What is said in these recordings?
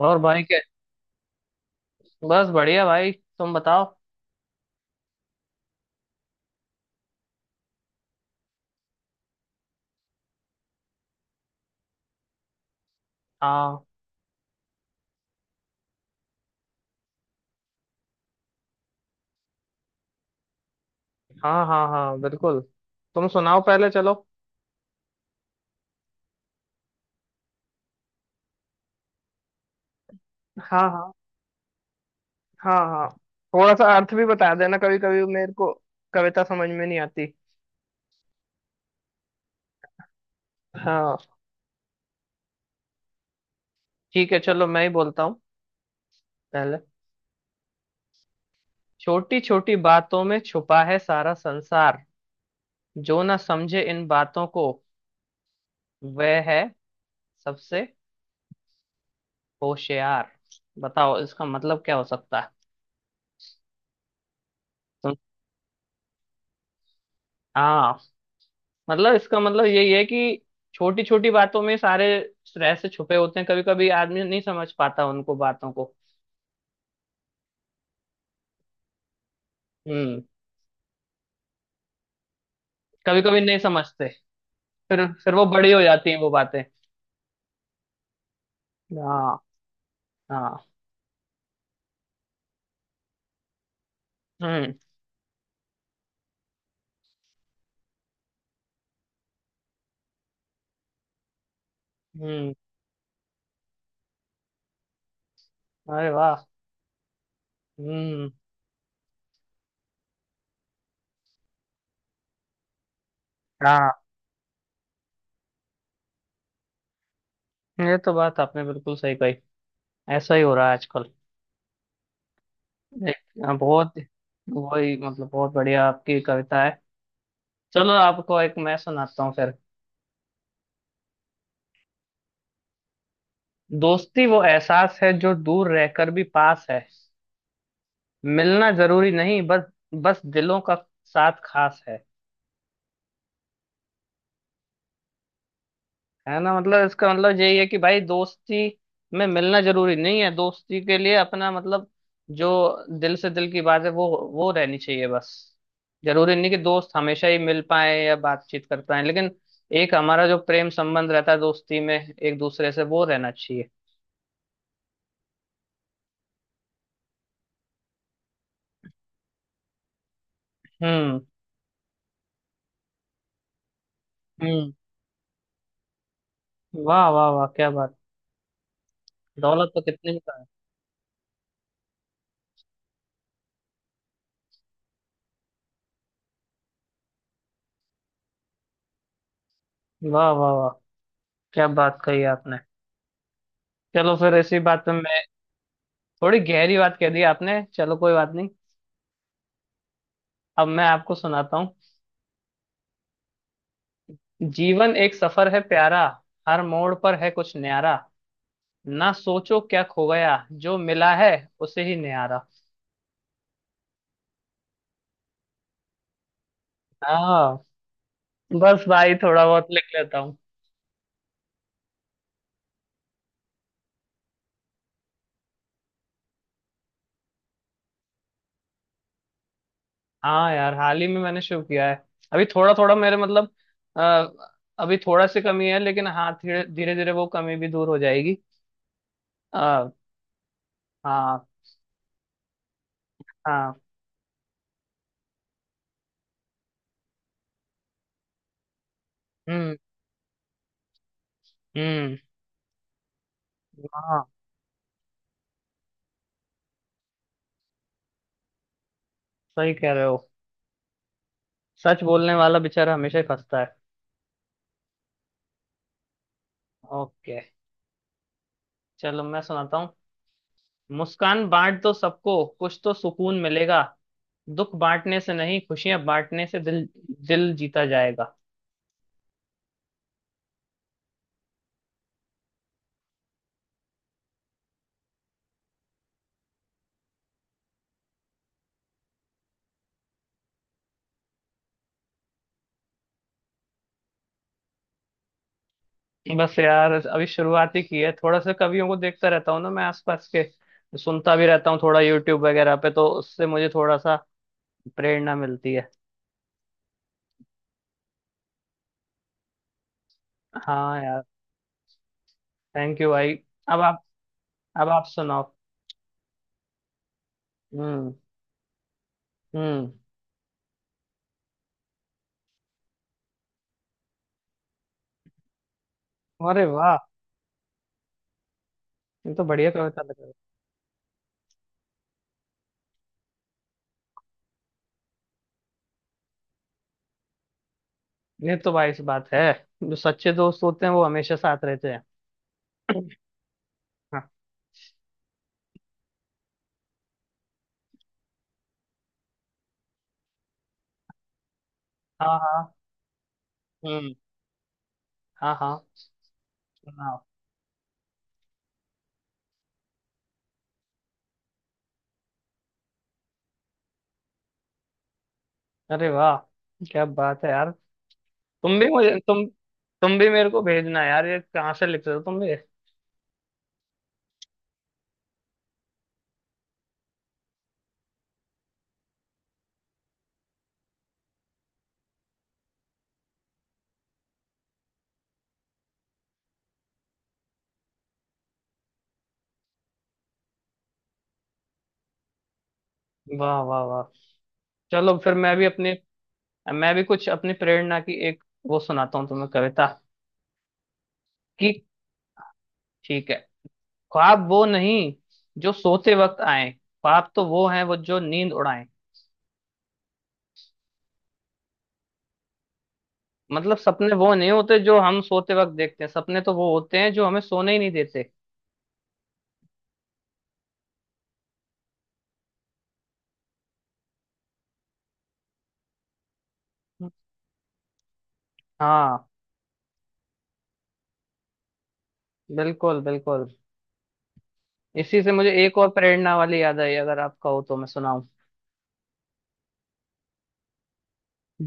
और भाई के बस बढ़िया भाई। तुम बताओ। हाँ हाँ हाँ हाँ बिल्कुल। तुम सुनाओ पहले चलो। हाँ हाँ हाँ हाँ। थोड़ा सा अर्थ भी बता देना कभी कभी मेरे को। कविता समझ में नहीं आती। हाँ। ठीक है चलो मैं ही बोलता हूँ पहले। छोटी छोटी बातों में छुपा है सारा संसार। जो ना समझे इन बातों को वह है सबसे होशियार। बताओ इसका मतलब क्या हो सकता है। तुम। हाँ। मतलब इसका मतलब यही है कि छोटी छोटी बातों में सारे रहस्य छुपे होते हैं। कभी कभी आदमी नहीं समझ पाता उनको बातों को। हम्म। कभी कभी नहीं समझते। फिर वो बड़ी हो जाती हैं वो बातें। हाँ हाँ। हम्म हम्म। अरे वाह। हम्म। हाँ ये तो बात आपने बिल्कुल सही कही। ऐसा ही हो रहा है आजकल। एक बहुत। वही मतलब बहुत बढ़िया आपकी कविता है। चलो आपको एक मैं सुनाता हूँ फिर। दोस्ती वो एहसास है जो दूर रहकर भी पास है। मिलना जरूरी नहीं, बस बस दिलों का साथ खास है। है ना? मतलब इसका मतलब यही है कि भाई दोस्ती में मिलना जरूरी नहीं है। दोस्ती के लिए अपना मतलब जो दिल से दिल की बात है वो रहनी चाहिए बस। जरूरी नहीं कि दोस्त हमेशा ही मिल पाए या बातचीत कर पाए, लेकिन एक हमारा जो प्रेम संबंध रहता है दोस्ती में एक दूसरे से वो रहना चाहिए। हम्म हम्म। वाह वाह वाह क्या बात। दौलत तो कितने ही का है। वाह वाह वाह क्या बात कही आपने। चलो फिर इसी बात पे मैं थोड़ी गहरी बात कह दी आपने। चलो कोई बात नहीं। अब मैं आपको सुनाता हूँ। जीवन एक सफर है प्यारा। हर मोड़ पर है कुछ न्यारा। ना सोचो क्या खो गया, जो मिला है उसे ही न्यारा। हाँ। बस भाई थोड़ा बहुत लिख लेता हूँ। हाँ यार हाल ही में मैंने शुरू किया है। अभी थोड़ा थोड़ा मेरे मतलब आ, अभी थोड़ा सी कमी है, लेकिन हाँ धीरे धीरे धीरे वो कमी भी दूर हो जाएगी। आ, हाँ हाँ। हम्म हम्म। हाँ सही कह रहे हो। सच बोलने वाला बेचारा हमेशा ही फंसता है। ओके। चलो मैं सुनाता हूँ। मुस्कान बांट दो सबको कुछ तो सुकून मिलेगा। दुख बांटने से नहीं, खुशियां बांटने से दिल दिल जीता जाएगा। बस यार अभी शुरुआत ही की है। थोड़ा सा कवियों को देखता रहता हूँ ना मैं आसपास के। सुनता भी रहता हूँ थोड़ा यूट्यूब वगैरह पे, तो उससे मुझे थोड़ा सा प्रेरणा मिलती है। हाँ यार। थैंक यू भाई। अब आप अब आप सुनाओ। हम्म हम्म। अरे वाह ये तो बढ़िया कविता लग ये तो भाई सी बात है। जो सच्चे दोस्त होते हैं वो हमेशा साथ रहते हैं। हाँ। हाँ। हाँ। हम्म। हाँ हाँ। सुनाओ। अरे वाह क्या बात है यार। तुम भी मुझे तुम तुम भी मेरे को भेजना यार। ये कहाँ से लिख रहे हो तुम भी। वाह वाह वाह। चलो फिर मैं भी अपने मैं भी कुछ अपनी प्रेरणा की एक वो सुनाता हूँ तुम्हें कविता। कि ठीक है। ख्वाब वो नहीं जो सोते वक्त आए। ख्वाब तो वो हैं वो जो नींद उड़ाएं। मतलब सपने वो नहीं होते जो हम सोते वक्त देखते हैं। सपने तो वो होते हैं जो हमें सोने ही नहीं देते। हाँ बिल्कुल बिल्कुल। इसी से मुझे एक और प्रेरणा वाली याद आई। अगर आपका हो तो मैं सुनाऊं।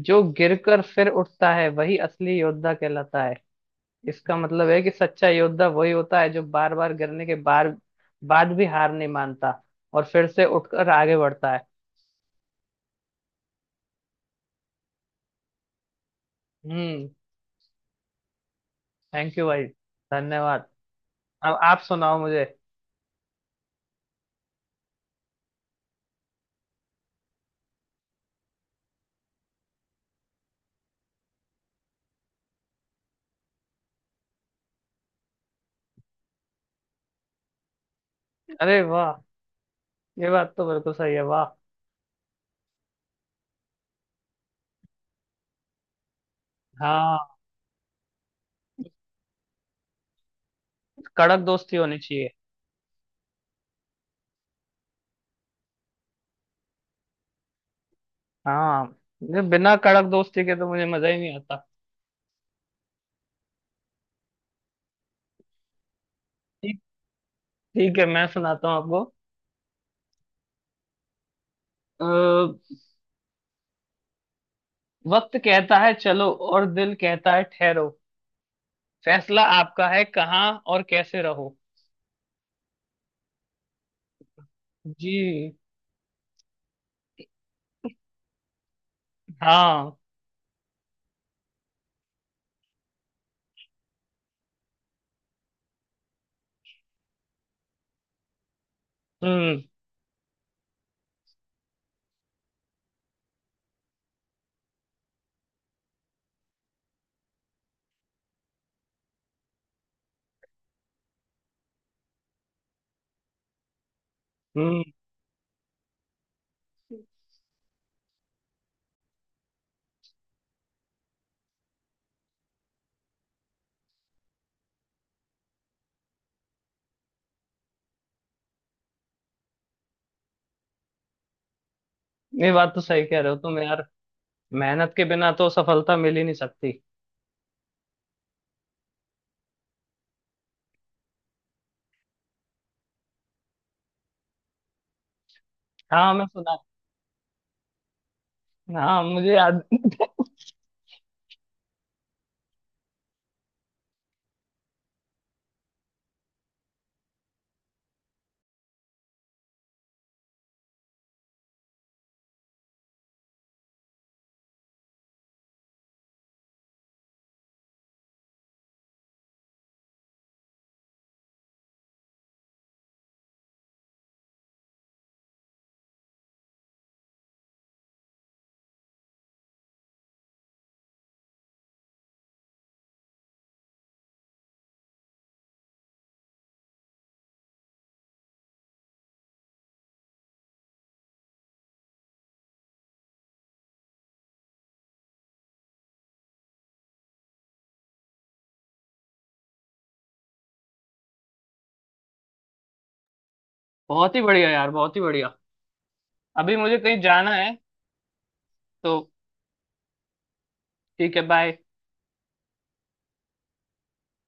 जो गिरकर फिर उठता है वही असली योद्धा कहलाता है। इसका मतलब है कि सच्चा योद्धा वही होता है जो बार बार गिरने के बार बाद भी हार नहीं मानता और फिर से उठकर आगे बढ़ता है। हम्म। थैंक यू भाई। धन्यवाद। अब आप सुनाओ मुझे। अरे वाह। ये बात तो बिल्कुल सही है वाह। हाँ। कड़क दोस्ती होनी चाहिए। हाँ ये बिना कड़क दोस्ती के तो मुझे मजा ही नहीं आता। ठीक ठीक है मैं सुनाता हूँ आपको। अ, वक्त कहता है चलो और दिल कहता है ठहरो। फैसला आपका है कहाँ और कैसे रहो। जी। हाँ। हम्म हम्म। ये बात तो सही कह रहे हो तुम यार। मेहनत के बिना तो सफलता मिल ही नहीं सकती। हाँ मैं सुना हाँ मुझे याद बहुत ही बढ़िया यार बहुत ही बढ़िया। अभी मुझे कहीं जाना है तो ठीक है बाय।